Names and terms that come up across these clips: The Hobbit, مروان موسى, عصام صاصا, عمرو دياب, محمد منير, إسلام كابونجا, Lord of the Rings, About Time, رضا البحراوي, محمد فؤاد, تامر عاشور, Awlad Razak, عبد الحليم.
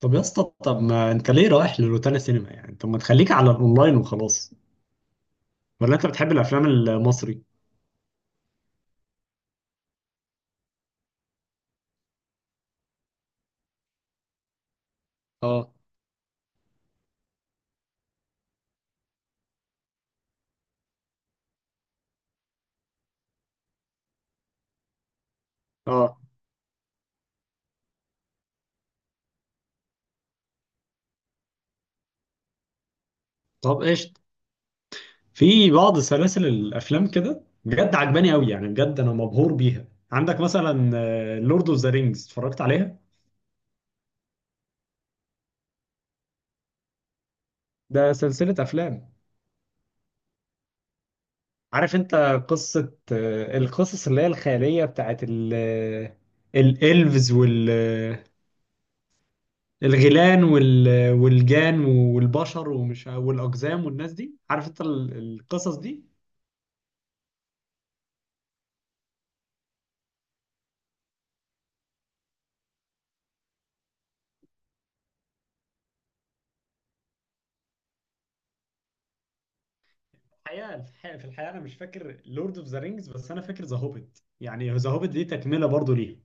طب يا اسطى، طب ما انت ليه رايح لروتانا سينما يعني؟ طب ما تخليك على الاونلاين وخلاص. ولا انت بتحب الافلام المصري؟ اه. اه، طب قشطة. في بعض سلاسل الافلام كده بجد عجباني قوي، يعني بجد انا مبهور بيها. عندك مثلا لورد اوف ذا رينجز، اتفرجت عليها؟ ده سلسلة أفلام. عارف انت قصة القصص اللي هي الخيالية بتاعت الإلفز، الغيلان والجان والبشر والاقزام والناس دي، عارف انت القصص دي. الحقيقه الحقيقه في الحقيقه انا مش فاكر لورد اوف ذا رينجز، بس انا فاكر ذا هوبيت. يعني ذا هوبيت دي تكمله برضو ليها.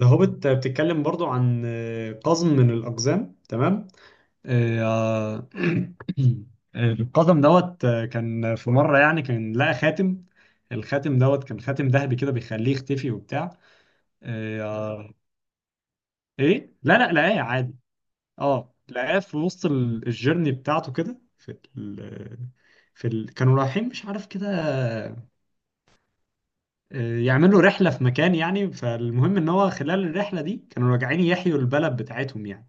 ذا هوبيت بتتكلم برضو عن قزم من الاقزام، تمام؟ آه، القزم دوت آه، كان في مره يعني، كان لقى خاتم. الخاتم كان خاتم ذهبي كده بيخليه يختفي وبتاع. آه، ايه، لا ايه عادي. اه، لقاه في وسط الجيرني بتاعته كده في كانوا رايحين مش عارف كده يعملوا رحلة في مكان يعني. فالمهم ان هو خلال الرحلة دي كانوا راجعين يحيوا البلد بتاعتهم يعني.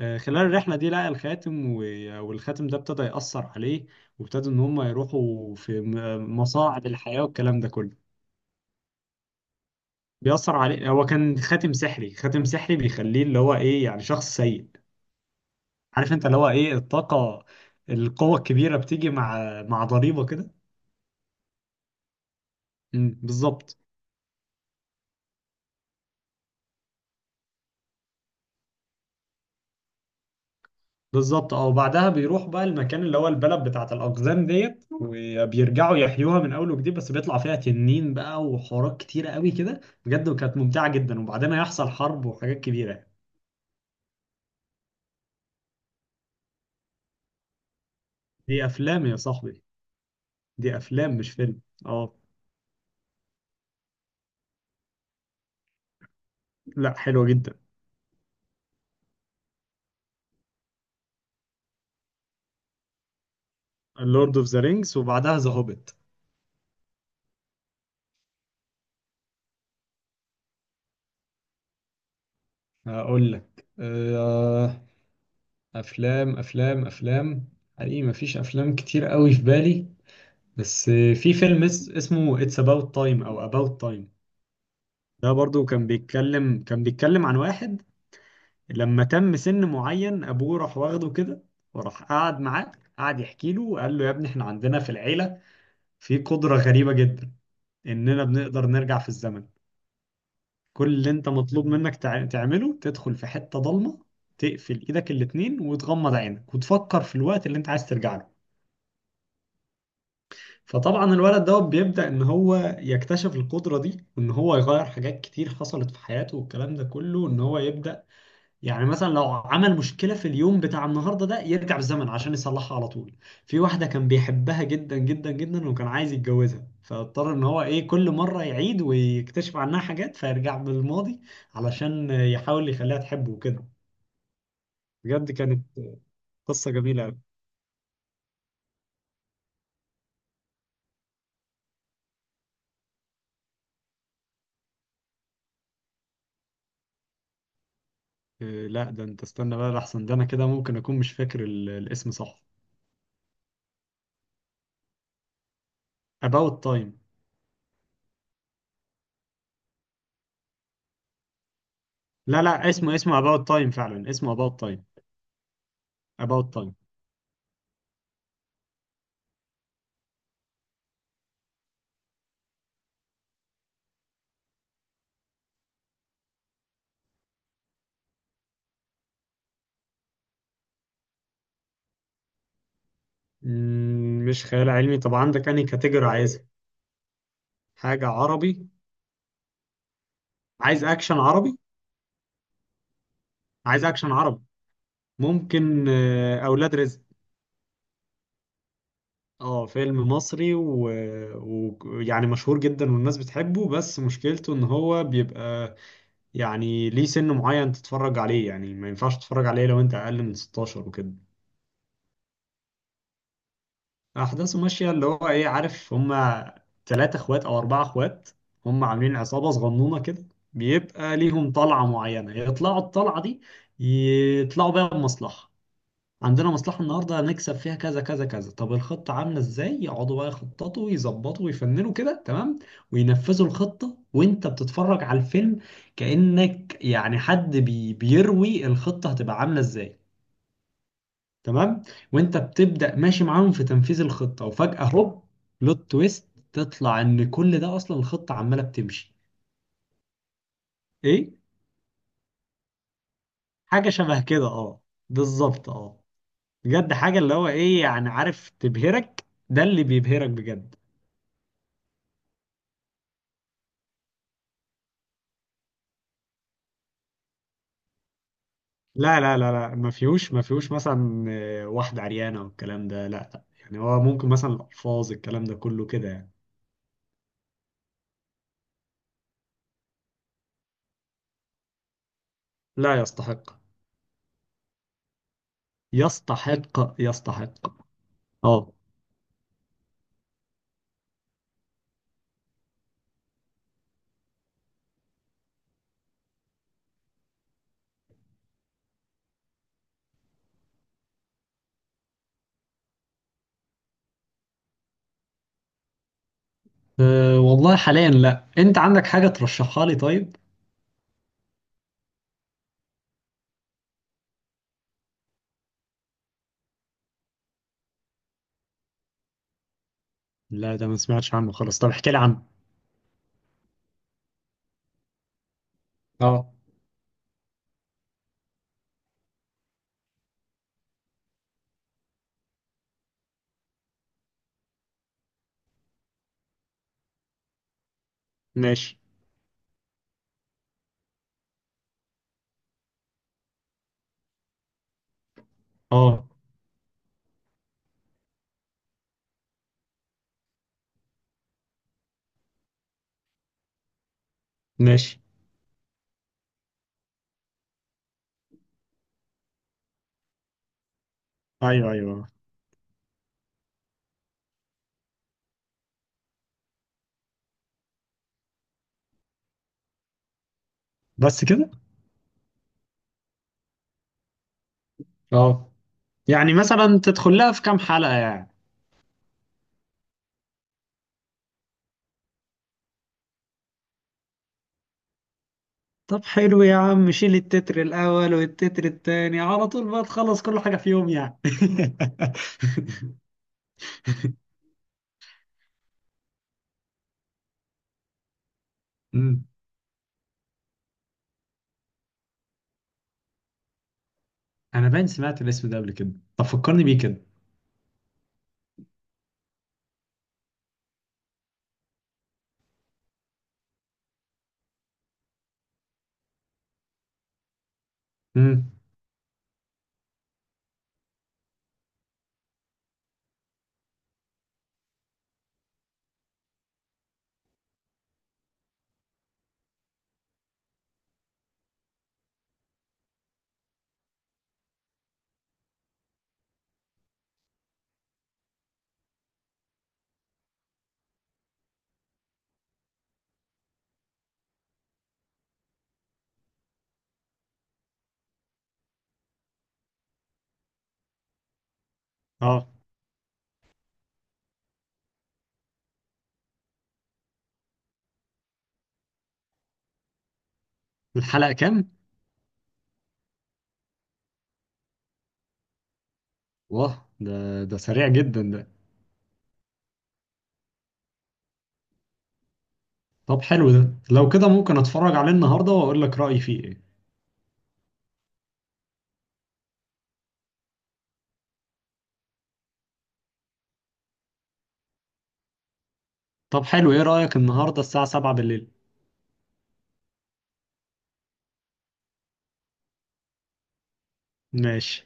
خلال الرحلة دي لقى الخاتم. والخاتم ده ابتدى يأثر عليه، وابتدوا ان هم يروحوا في مصاعب الحياة والكلام ده كله. بيأثر عليه، هو كان خاتم سحري، خاتم سحري بيخليه اللي هو ايه يعني شخص سيء. عارف انت اللي هو ايه، الطاقة، القوة الكبيرة بتيجي مع ضريبة كده. بالظبط. بالظبط، اه. وبعدها بيروح بقى المكان اللي هو البلد بتاعت الأقزام ديت، وبيرجعوا يحيوها من أول وجديد، بس بيطلع فيها تنين بقى وحوارات كتيرة قوي كده بجد، وكانت ممتعة جدا. وبعدين هيحصل حرب وحاجات كبيرة. دي أفلام يا صاحبي، دي أفلام مش فيلم. اه. لا، حلوة جدا. لورد اوف ذا رينجز وبعدها ذا هوبيت. هقول لك افلام. حقيقي مفيش افلام كتير قوي في بالي، بس في فيلم اسمه It's About Time او About Time. ده برضو كان بيتكلم عن واحد لما تم سن معين، ابوه راح واخده كده وراح قعد معاه، قعد يحكي له وقال له: يا ابني احنا عندنا في العيلة في قدرة غريبة جدا، اننا بنقدر نرجع في الزمن. كل اللي انت مطلوب منك تعمله، تدخل في حتة ضلمة، تقفل ايدك الاتنين وتغمض عينك وتفكر في الوقت اللي انت عايز ترجع له. فطبعا الولد بيبدأ ان هو يكتشف القدرة دي، وان هو يغير حاجات كتير حصلت في حياته والكلام ده كله. ان هو يبدأ يعني مثلا لو عمل مشكلة في اليوم بتاع النهاردة ده، يرجع بالزمن عشان يصلحها على طول. في واحدة كان بيحبها جدا جدا جدا وكان عايز يتجوزها، فاضطر ان هو ايه كل مرة يعيد ويكتشف عنها حاجات فيرجع بالماضي علشان يحاول يخليها تحبه وكده. بجد كانت قصة جميلة أوي. لا ده انت استنى بقى، لحسن ده انا كده ممكن اكون مش فاكر الاسم صح. About Time. لا لا، اسمه About Time، فعلا اسمه About Time. About Time. مش خيال علمي؟ طب عندك أنهي كاتيجوري عايزها؟ حاجة عربي. عايز أكشن عربي؟ عايز أكشن عربي. ممكن أولاد رزق. اه، فيلم مصري ويعني يعني مشهور جدا والناس بتحبه، بس مشكلته ان هو بيبقى يعني ليه سن معين تتفرج عليه، يعني ما ينفعش تتفرج عليه لو انت اقل من 16 وكده. احداثه ماشيه اللي هو ايه، عارف، هما ثلاثة اخوات او اربعة اخوات، هما عاملين عصابه صغنونه كده. بيبقى ليهم طلعه معينه يطلعوا الطلعه دي، يطلعوا بيها بمصلحه. عندنا مصلحه النهارده هنكسب فيها كذا كذا كذا، طب الخطه عامله ازاي؟ يقعدوا بقى يخططوا ويظبطوا ويفننوا كده، تمام. وينفذوا الخطه وانت بتتفرج على الفيلم كانك يعني حد بيروي الخطه هتبقى عامله ازاي، تمام. وانت بتبدأ ماشي معاهم في تنفيذ الخطة، وفجأة هوب، بلوت تويست، تطلع ان كل ده اصلا الخطة عمالة بتمشي. ايه؟ حاجة شبه كده، اه. بالظبط، اه. بجد حاجة اللي هو ايه يعني، عارف، تبهرك، ده اللي بيبهرك بجد. لا، ما فيهوش مثلا واحدة عريانة والكلام ده، لا لا، يعني هو ممكن مثلا الألفاظ الكلام ده كله كده يعني. لا يستحق، يستحق. يستحق. اه. أه والله حاليا لا. انت عندك حاجة ترشحها لي طيب؟ لا، ده ما سمعتش عنه خالص، طب احكي لي عنه. اه، ماشي. اه، ماشي. ايوه ايوه. بس كده؟ اه. يعني مثلا تدخل لها في كام حلقة يعني؟ طب حلو يا عم، شيل التتر الاول والتتر التاني على طول بقى تخلص كل حاجة في يوم يعني. أمم. انا باين سمعت الاسم ده قبل كده، طب فكرني بيه كده. امم. اه. الحلقة كام؟ واه، ده ده سريع جدا. طب حلو، ده لو كده ممكن اتفرج عليه النهارده واقول لك رأيي فيه ايه. طب حلو، ايه رأيك النهارده الساعة 7 بالليل؟ ماشي.